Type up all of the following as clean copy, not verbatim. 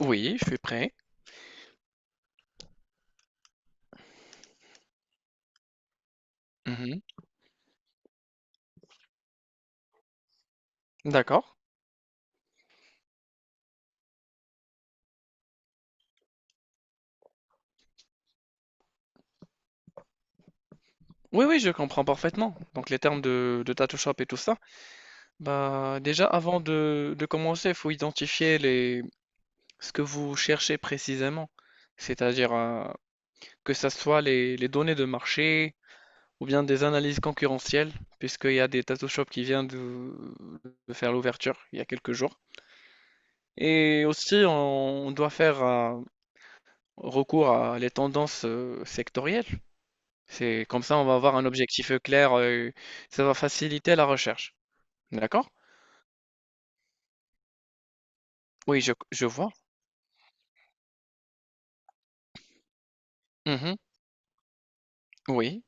Oui, je suis prêt. Mmh. D'accord. Oui, oui, je comprends parfaitement. Donc les termes de Tattoo Shop et tout ça. Bah, déjà avant de commencer, il faut identifier les ce que vous cherchez précisément. C'est-à-dire, que ça soit les données de marché ou bien des analyses concurrentielles, puisqu'il y a des Tattoo Shop qui vient de faire l'ouverture il y a quelques jours. Et aussi on doit faire, recours à les tendances, sectorielles. C'est comme ça, on va avoir un objectif, clair, ça va faciliter la recherche. D'accord? Oui, je vois. Mmh. Oui,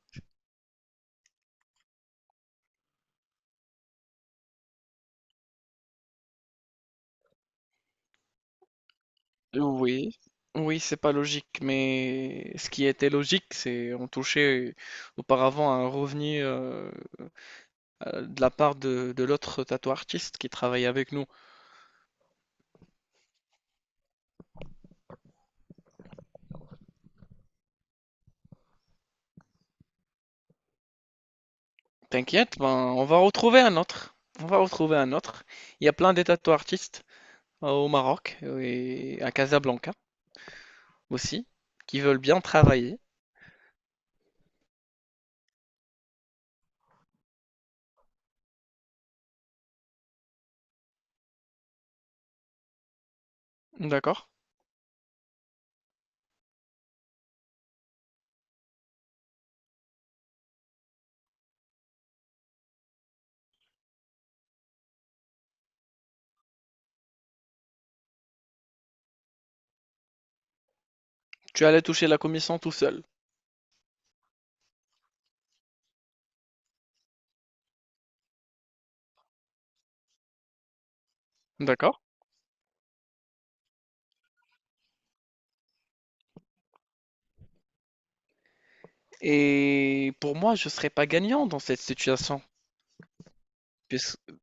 oui, oui, c'est pas logique, mais ce qui était logique, c'est on touchait auparavant un revenu, de la part de l'autre tatou artiste qui travaillait avec nous. T'inquiète, ben, on va retrouver un autre, on va retrouver un autre. Il y a plein des tatou artistes au Maroc et à Casablanca aussi, qui veulent bien travailler. D'accord. Tu allais toucher la commission tout seul. D'accord. Et pour moi, je ne serais pas gagnant dans cette situation. puisque-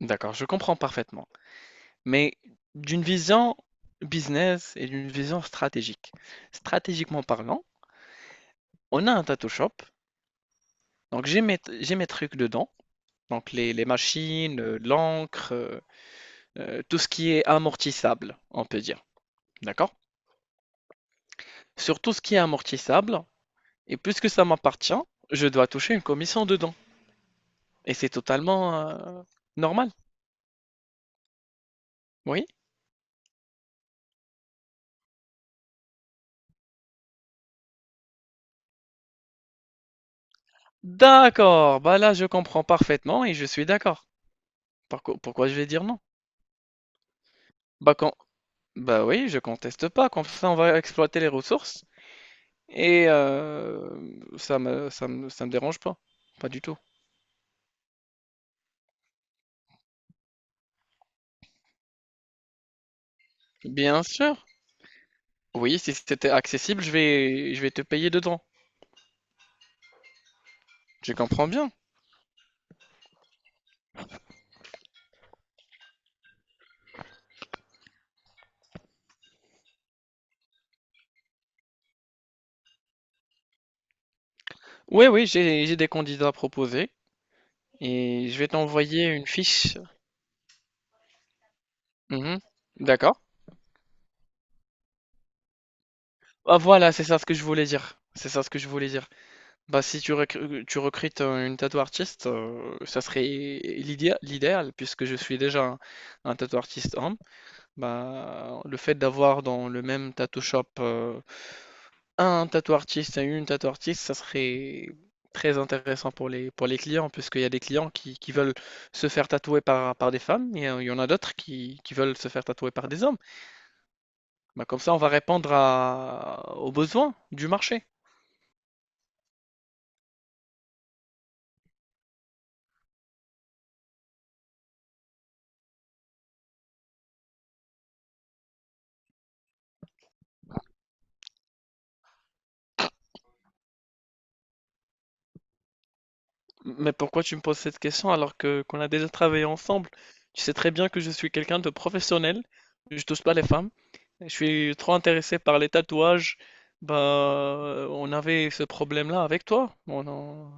D'accord, je comprends parfaitement. Mais d'une vision business et d'une vision stratégique. Stratégiquement parlant, on a un tattoo shop. Donc j'ai mes trucs dedans. Donc les machines, l'encre, tout ce qui est amortissable, on peut dire. D'accord? Sur tout ce qui est amortissable, et puisque ça m'appartient, je dois toucher une commission dedans. Et c'est totalement normal. Oui? D'accord, bah là je comprends parfaitement et je suis d'accord. Pourquoi, pourquoi je vais dire non? Bah, quand, bah oui, je conteste pas, comme ça on va exploiter les ressources et ça me dérange pas, pas du tout. Bien sûr, oui, si c'était accessible, je vais te payer dedans. Je comprends bien. Oui, oui, j'ai des candidats proposés et je vais t'envoyer une fiche. Mhm. D'accord. Ah, voilà, c'est ça ce que je voulais dire. C'est ça ce que je voulais dire. Bah, si tu recr tu recrutes, une tattoo artiste, ça serait l'idéal puisque je suis déjà un tattoo artist homme. Bah, le fait d'avoir dans le même tattoo shop, un tattoo artiste et une tattoo artiste, ça serait très intéressant pour les clients puisqu'il y a des clients qui veulent se faire tatouer par des femmes et il y en a d'autres qui veulent se faire tatouer par des hommes. Bah, comme ça, on va répondre à aux besoins du marché. Mais pourquoi tu me poses cette question alors que qu'on a déjà travaillé ensemble? Tu sais très bien que je suis quelqu'un de professionnel, je touche pas les femmes, je suis trop intéressé par les tatouages. Bah, on avait ce problème-là avec toi,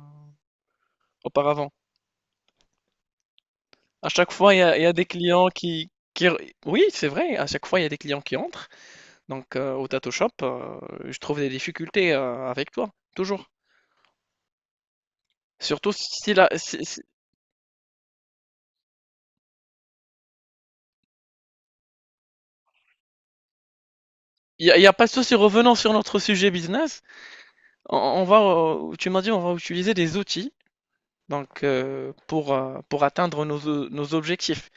auparavant. À chaque fois, il y a des clients qui... Oui, c'est vrai, à chaque fois, il y a des clients qui entrent. Donc, au tattoo shop, je trouve des difficultés avec toi, toujours. Surtout si la... Il n'y a, il y a pas de souci revenant sur notre sujet business. On va, tu m'as dit, on va utiliser des outils donc pour atteindre nos, nos objectifs.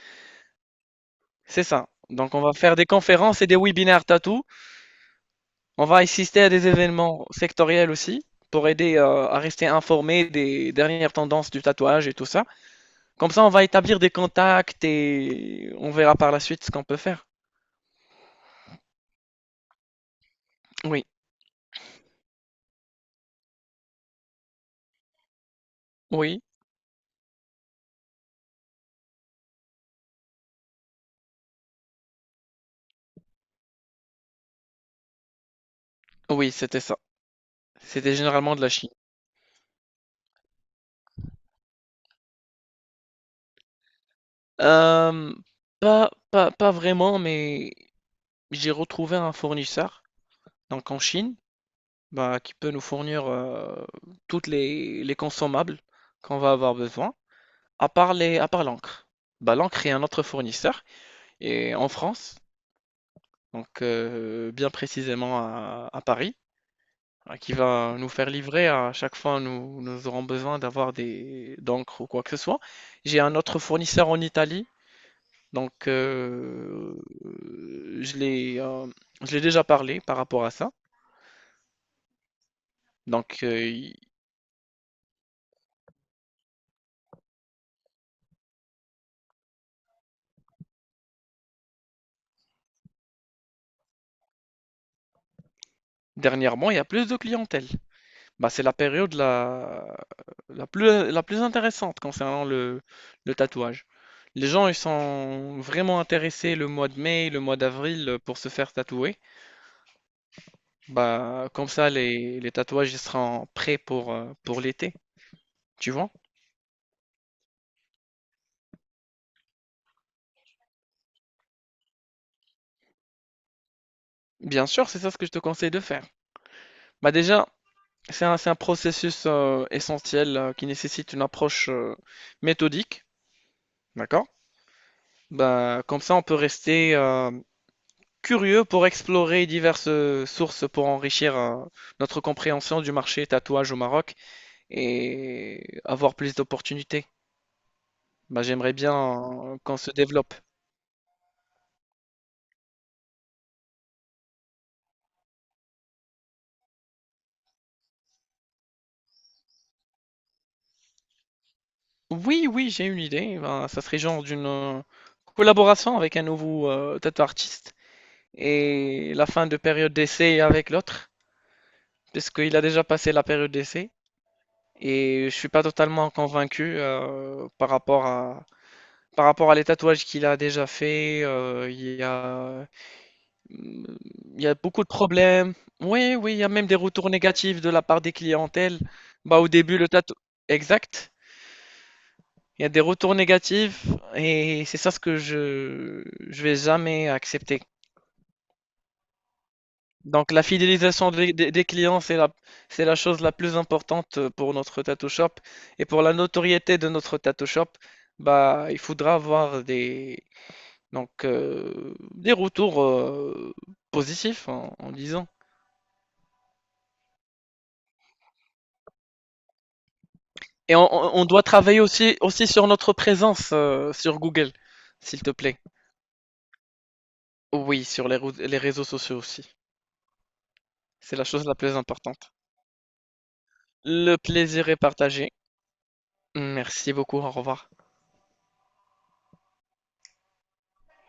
C'est ça. Donc on va faire des conférences et des webinaires tatou. On va assister à des événements sectoriels aussi pour aider à rester informé des dernières tendances du tatouage et tout ça. Comme ça, on va établir des contacts et on verra par la suite ce qu'on peut faire. Oui, oui, oui, c'était ça. C'était généralement de la Chine. Euh, pas vraiment, mais j'ai retrouvé un fournisseur. Donc en Chine, bah, qui peut nous fournir toutes les consommables qu'on va avoir besoin, à part les, à part l'encre. Bah, l'encre est un autre fournisseur, et en France, donc bien précisément à Paris, hein, qui va nous faire livrer à chaque fois nous, nous aurons besoin d'avoir des d'encre ou quoi que ce soit. J'ai un autre fournisseur en Italie, donc euh, je l'ai euh, je l'ai déjà parlé par rapport à ça. Donc euh, il- Dernièrement, il y a plus de clientèle. Bah, c'est la période la, la plus, la plus intéressante concernant le tatouage. Les gens, ils sont vraiment intéressés le mois de mai, le mois d'avril pour se faire tatouer. Bah, comme ça, les tatouages, ils seront prêts pour l'été, tu vois? Bien sûr, c'est ça ce que je te conseille de faire. Bah, déjà, c'est un processus essentiel qui nécessite une approche méthodique, d'accord? Bah, comme ça, on peut rester... curieux pour explorer diverses sources pour enrichir notre compréhension du marché tatouage au Maroc et avoir plus d'opportunités. Bah, j'aimerais bien qu'on se développe. Oui, oui, j'ai une idée. Ben, ça serait genre d'une collaboration avec un nouveau tattoo artiste et la fin de période d'essai avec l'autre, parce qu'il a déjà passé la période d'essai. Et je suis pas totalement convaincu par rapport à les tatouages qu'il a déjà fait. Hum. Il y a beaucoup de problèmes. Oui, oui, il y a même des retours négatifs de la part des clientèles. Bah, au début, le tatou... Exact. Il y a des retours négatifs et c'est ça ce que je vais jamais accepter. Donc la fidélisation des, des clients, c'est la chose la plus importante pour notre tattoo shop. Et pour la notoriété de notre tattoo shop, bah, il faudra avoir des, donc, des retours positifs en en disant. Et on doit travailler aussi, aussi sur notre présence sur Google, s'il te plaît. Oui, sur les, les réseaux sociaux aussi. C'est la chose la plus importante. Le plaisir est partagé. Merci beaucoup, au revoir.